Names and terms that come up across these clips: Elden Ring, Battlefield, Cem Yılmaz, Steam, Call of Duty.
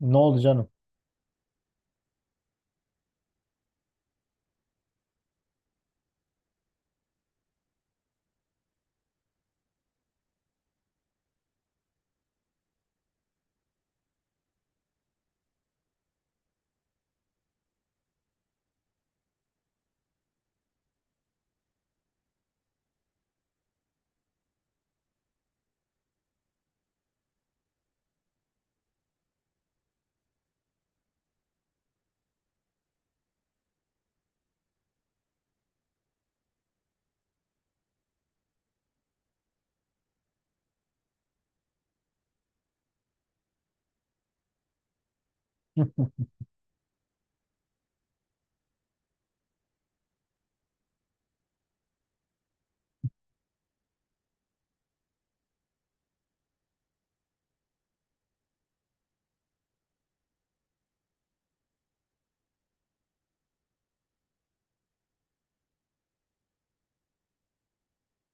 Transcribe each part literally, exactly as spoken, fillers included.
Ne oldu canım?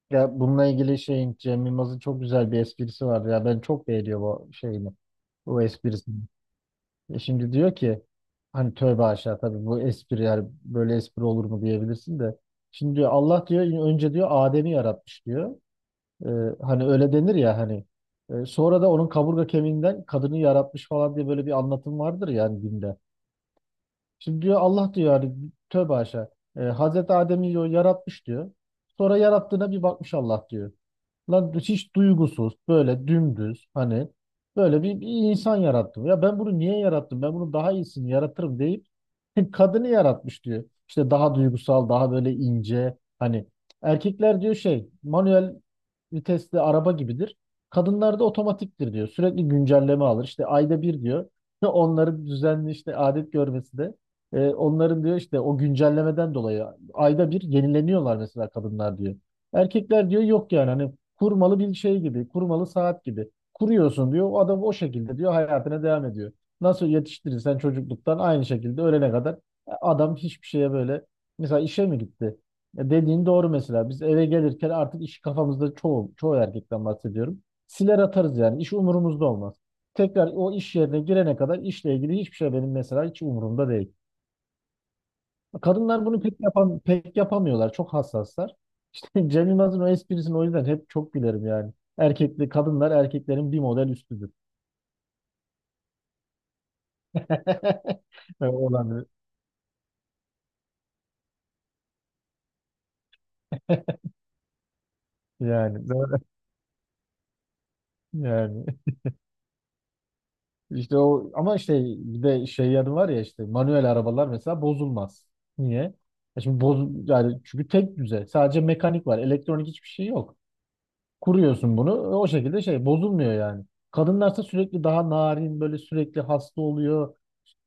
Ya bununla ilgili şeyin Cem Yılmaz'ın çok güzel bir esprisi var. Ya ben çok beğeniyor bu şeyini. Bu esprisini. E şimdi diyor ki hani tövbe aşağı, tabii bu espri yani böyle espri olur mu diyebilirsin de. Şimdi diyor Allah diyor önce diyor Adem'i yaratmış diyor. E, hani öyle denir ya hani. E, sonra da onun kaburga kemiğinden kadını yaratmış falan diye böyle bir anlatım vardır yani dinde. Şimdi diyor Allah diyor hani tövbe aşağı. E, Hazreti Adem'i diyor yaratmış diyor. Sonra yarattığına bir bakmış Allah diyor. Lan hiç duygusuz, böyle dümdüz hani böyle bir, bir insan yarattım. Ya ben bunu niye yarattım? Ben bunun daha iyisini yaratırım deyip kadını yaratmış diyor. İşte daha duygusal, daha böyle ince. Hani erkekler diyor şey, manuel vitesli araba gibidir. Kadınlarda otomatiktir diyor. Sürekli güncelleme alır. İşte ayda bir diyor. Onların düzenli işte adet görmesi de e, onların diyor işte o güncellemeden dolayı ayda bir yenileniyorlar mesela kadınlar diyor. Erkekler diyor yok yani hani kurmalı bir şey gibi, kurmalı saat gibi. Kuruyorsun diyor. O adam o şekilde diyor hayatına devam ediyor. Nasıl yetiştirirsen çocukluktan aynı şekilde ölene kadar adam hiçbir şeye böyle mesela işe mi gitti? Ya dediğin doğru mesela. Biz eve gelirken artık işi kafamızda çoğu, çoğu erkekten bahsediyorum. Siler atarız yani. İş umurumuzda olmaz. Tekrar o iş yerine girene kadar işle ilgili hiçbir şey benim mesela hiç umurumda değil. Kadınlar bunu pek yapam pek yapamıyorlar. Çok hassaslar. İşte Cem Yılmaz'ın o esprisini o yüzden hep çok gülerim yani. Erkekli kadınlar erkeklerin bir model üstüdür. Olan yani. Yani. İşte o ama işte bir de şey yanı var ya işte manuel arabalar mesela bozulmaz. Niye? Ya şimdi boz yani çünkü tek düze. Sadece mekanik var. Elektronik hiçbir şey yok. Kuruyorsun bunu o şekilde şey bozulmuyor yani. Kadınlarsa sürekli daha narin böyle sürekli hasta oluyor.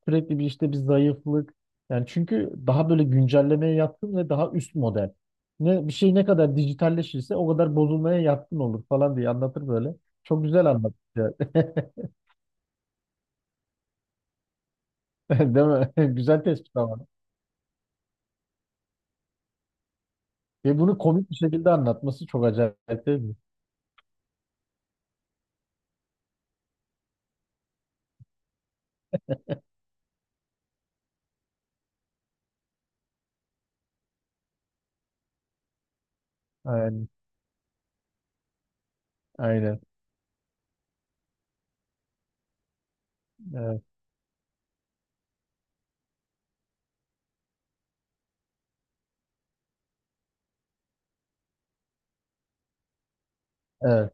Sürekli bir işte bir zayıflık. Yani çünkü daha böyle güncellemeye yatkın ve daha üst model. Ne, bir şey ne kadar dijitalleşirse o kadar bozulmaya yatkın olur falan diye anlatır böyle. Çok güzel anlatır yani. Değil mi? Güzel tespit ama. Ve bunu komik bir şekilde anlatması çok acayip değil mi? Aynen. Aynen. Evet. Evet.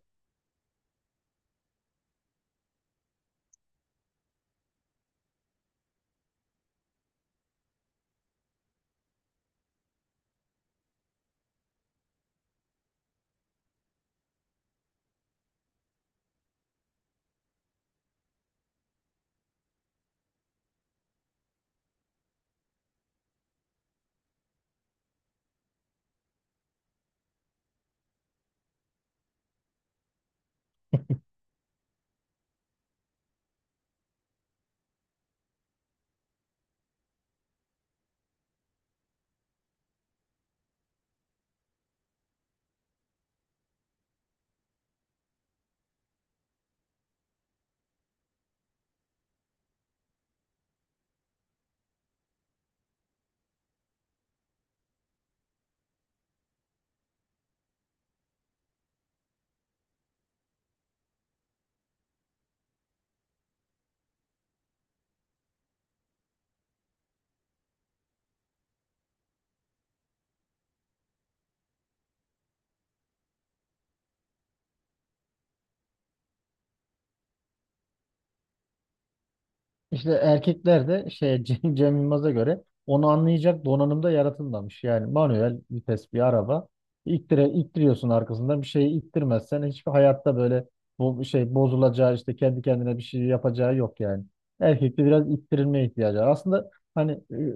İşte erkekler de şey Cem, Cem Yılmaz'a göre onu anlayacak donanımda yaratılmamış. Yani manuel vites bir araba. İttire, ittiriyorsun arkasından bir şeyi ittirmezsen hiçbir hayatta böyle bu şey bozulacağı işte kendi kendine bir şey yapacağı yok yani. Erkekte biraz ittirilmeye ihtiyacı var. Aslında hani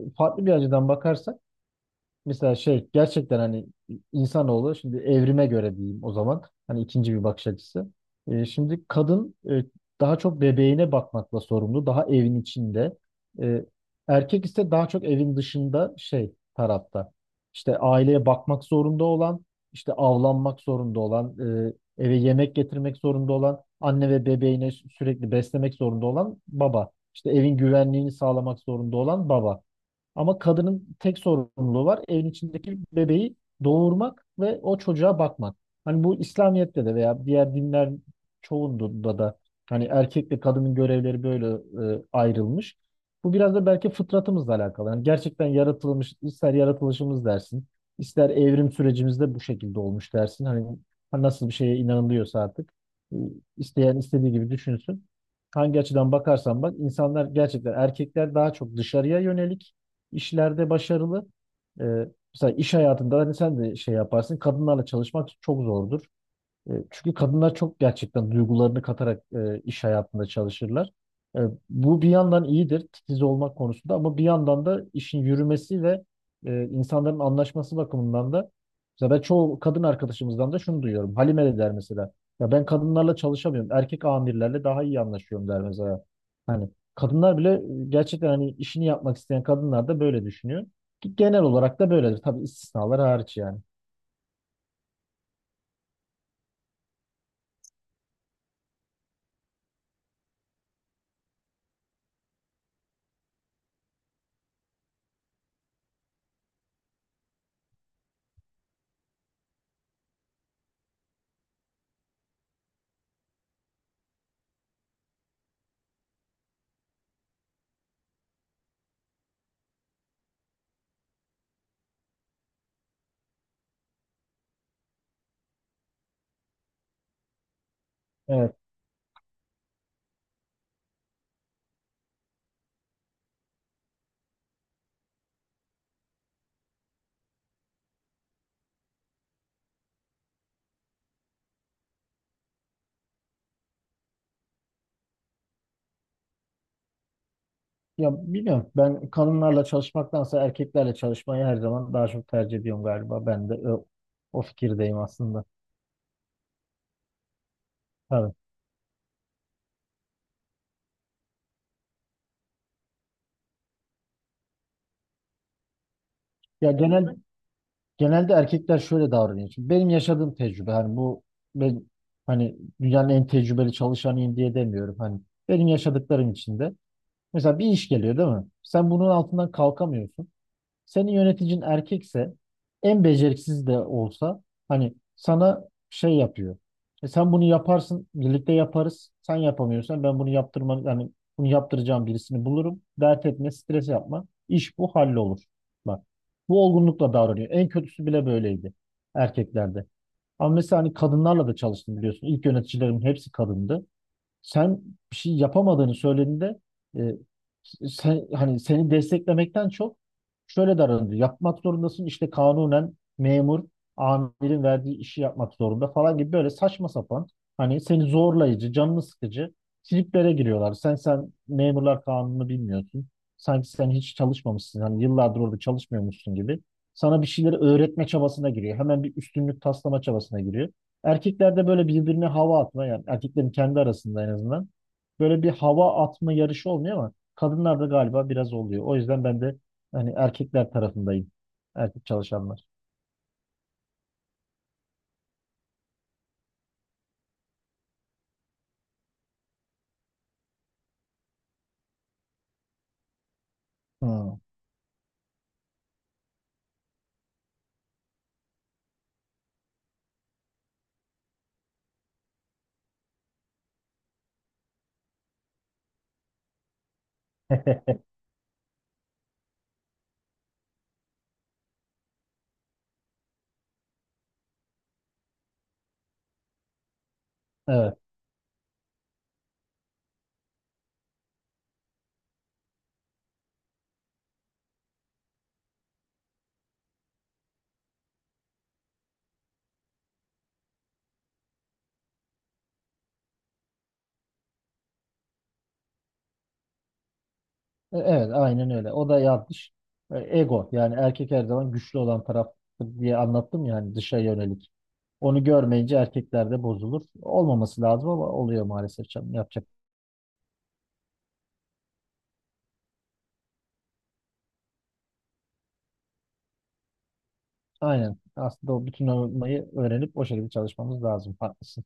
e, farklı bir açıdan bakarsak mesela şey gerçekten hani insanoğlu şimdi evrime göre diyeyim o zaman hani ikinci bir bakış açısı. E, şimdi kadın e, daha çok bebeğine bakmakla sorumlu, daha evin içinde. E, Erkek ise daha çok evin dışında şey tarafta. İşte aileye bakmak zorunda olan, işte avlanmak zorunda olan, e, eve yemek getirmek zorunda olan, anne ve bebeğine sürekli beslemek zorunda olan baba. İşte evin güvenliğini sağlamak zorunda olan baba. Ama kadının tek sorumluluğu var. Evin içindeki bebeği doğurmak ve o çocuğa bakmak. Hani bu İslamiyet'te de veya diğer dinler çoğunda da hani erkekle kadının görevleri böyle e, ayrılmış. Bu biraz da belki fıtratımızla alakalı. Yani gerçekten yaratılmış, ister yaratılışımız dersin, ister evrim sürecimizde bu şekilde olmuş dersin. Hani hani nasıl bir şeye inanılıyorsa artık e, isteyen istediği gibi düşünsün. Hangi açıdan bakarsan bak insanlar gerçekten erkekler daha çok dışarıya yönelik işlerde başarılı. Ee, mesela iş hayatında hani sen de şey yaparsın. Kadınlarla çalışmak çok zordur. E, Çünkü kadınlar çok gerçekten duygularını katarak e, iş hayatında çalışırlar. E, Bu bir yandan iyidir titiz olmak konusunda ama bir yandan da işin yürümesi ve e, insanların anlaşması bakımından da mesela ben çoğu kadın arkadaşımızdan da şunu duyuyorum. Halime de der mesela. Ya ben kadınlarla çalışamıyorum. Erkek amirlerle daha iyi anlaşıyorum der mesela. Hani kadınlar bile e, gerçekten hani işini yapmak isteyen kadınlar da böyle düşünüyor. Ki genel olarak da böyledir. Tabii istisnalar hariç yani. Evet. Ya bilmiyorum. Ben kadınlarla çalışmaktansa erkeklerle çalışmayı her zaman daha çok tercih ediyorum galiba. Ben de o, o fikirdeyim aslında. Tabii. Ya genel genelde erkekler şöyle davranıyor. Şimdi benim yaşadığım tecrübe hani bu ben hani dünyanın en tecrübeli çalışanıyım diye demiyorum. Hani benim yaşadıklarım içinde. Mesela bir iş geliyor değil mi? Sen bunun altından kalkamıyorsun. Senin yöneticin erkekse en beceriksiz de olsa hani sana şey yapıyor. E sen bunu yaparsın, birlikte yaparız. Sen yapamıyorsan ben bunu yaptırma yani bunu yaptıracağım birisini bulurum. Dert etme, stres yapma. İş bu hallolur. Bak. Bu olgunlukla davranıyor. En kötüsü bile böyleydi erkeklerde. Ama mesela hani kadınlarla da çalıştım biliyorsun. İlk yöneticilerim hepsi kadındı, sen bir şey yapamadığını söylediğinde e, sen, hani seni desteklemekten çok şöyle davranıyor. Yapmak zorundasın işte kanunen memur amirin verdiği işi yapmak zorunda falan gibi böyle saçma sapan hani seni zorlayıcı, canını sıkıcı triplere giriyorlar. Sen sen memurlar kanunu bilmiyorsun. Sanki sen hiç çalışmamışsın. Hani yıllardır orada çalışmıyormuşsun gibi. Sana bir şeyleri öğretme çabasına giriyor. Hemen bir üstünlük taslama çabasına giriyor. Erkeklerde böyle birbirine hava atma yani erkeklerin kendi arasında en azından böyle bir hava atma yarışı olmuyor ama kadınlarda galiba biraz oluyor. O yüzden ben de hani erkekler tarafındayım. Erkek çalışanlar. Hmm. Evet. E, Evet, aynen öyle. O da yanlış. E, Ego yani erkek her zaman güçlü olan taraf diye anlattım ya hani dışa yönelik. Onu görmeyince erkeklerde bozulur. Olmaması lazım ama oluyor maalesef canım. Yapacak. Aynen. Aslında o bütün olmayı öğrenip o şekilde çalışmamız lazım. Haklısın.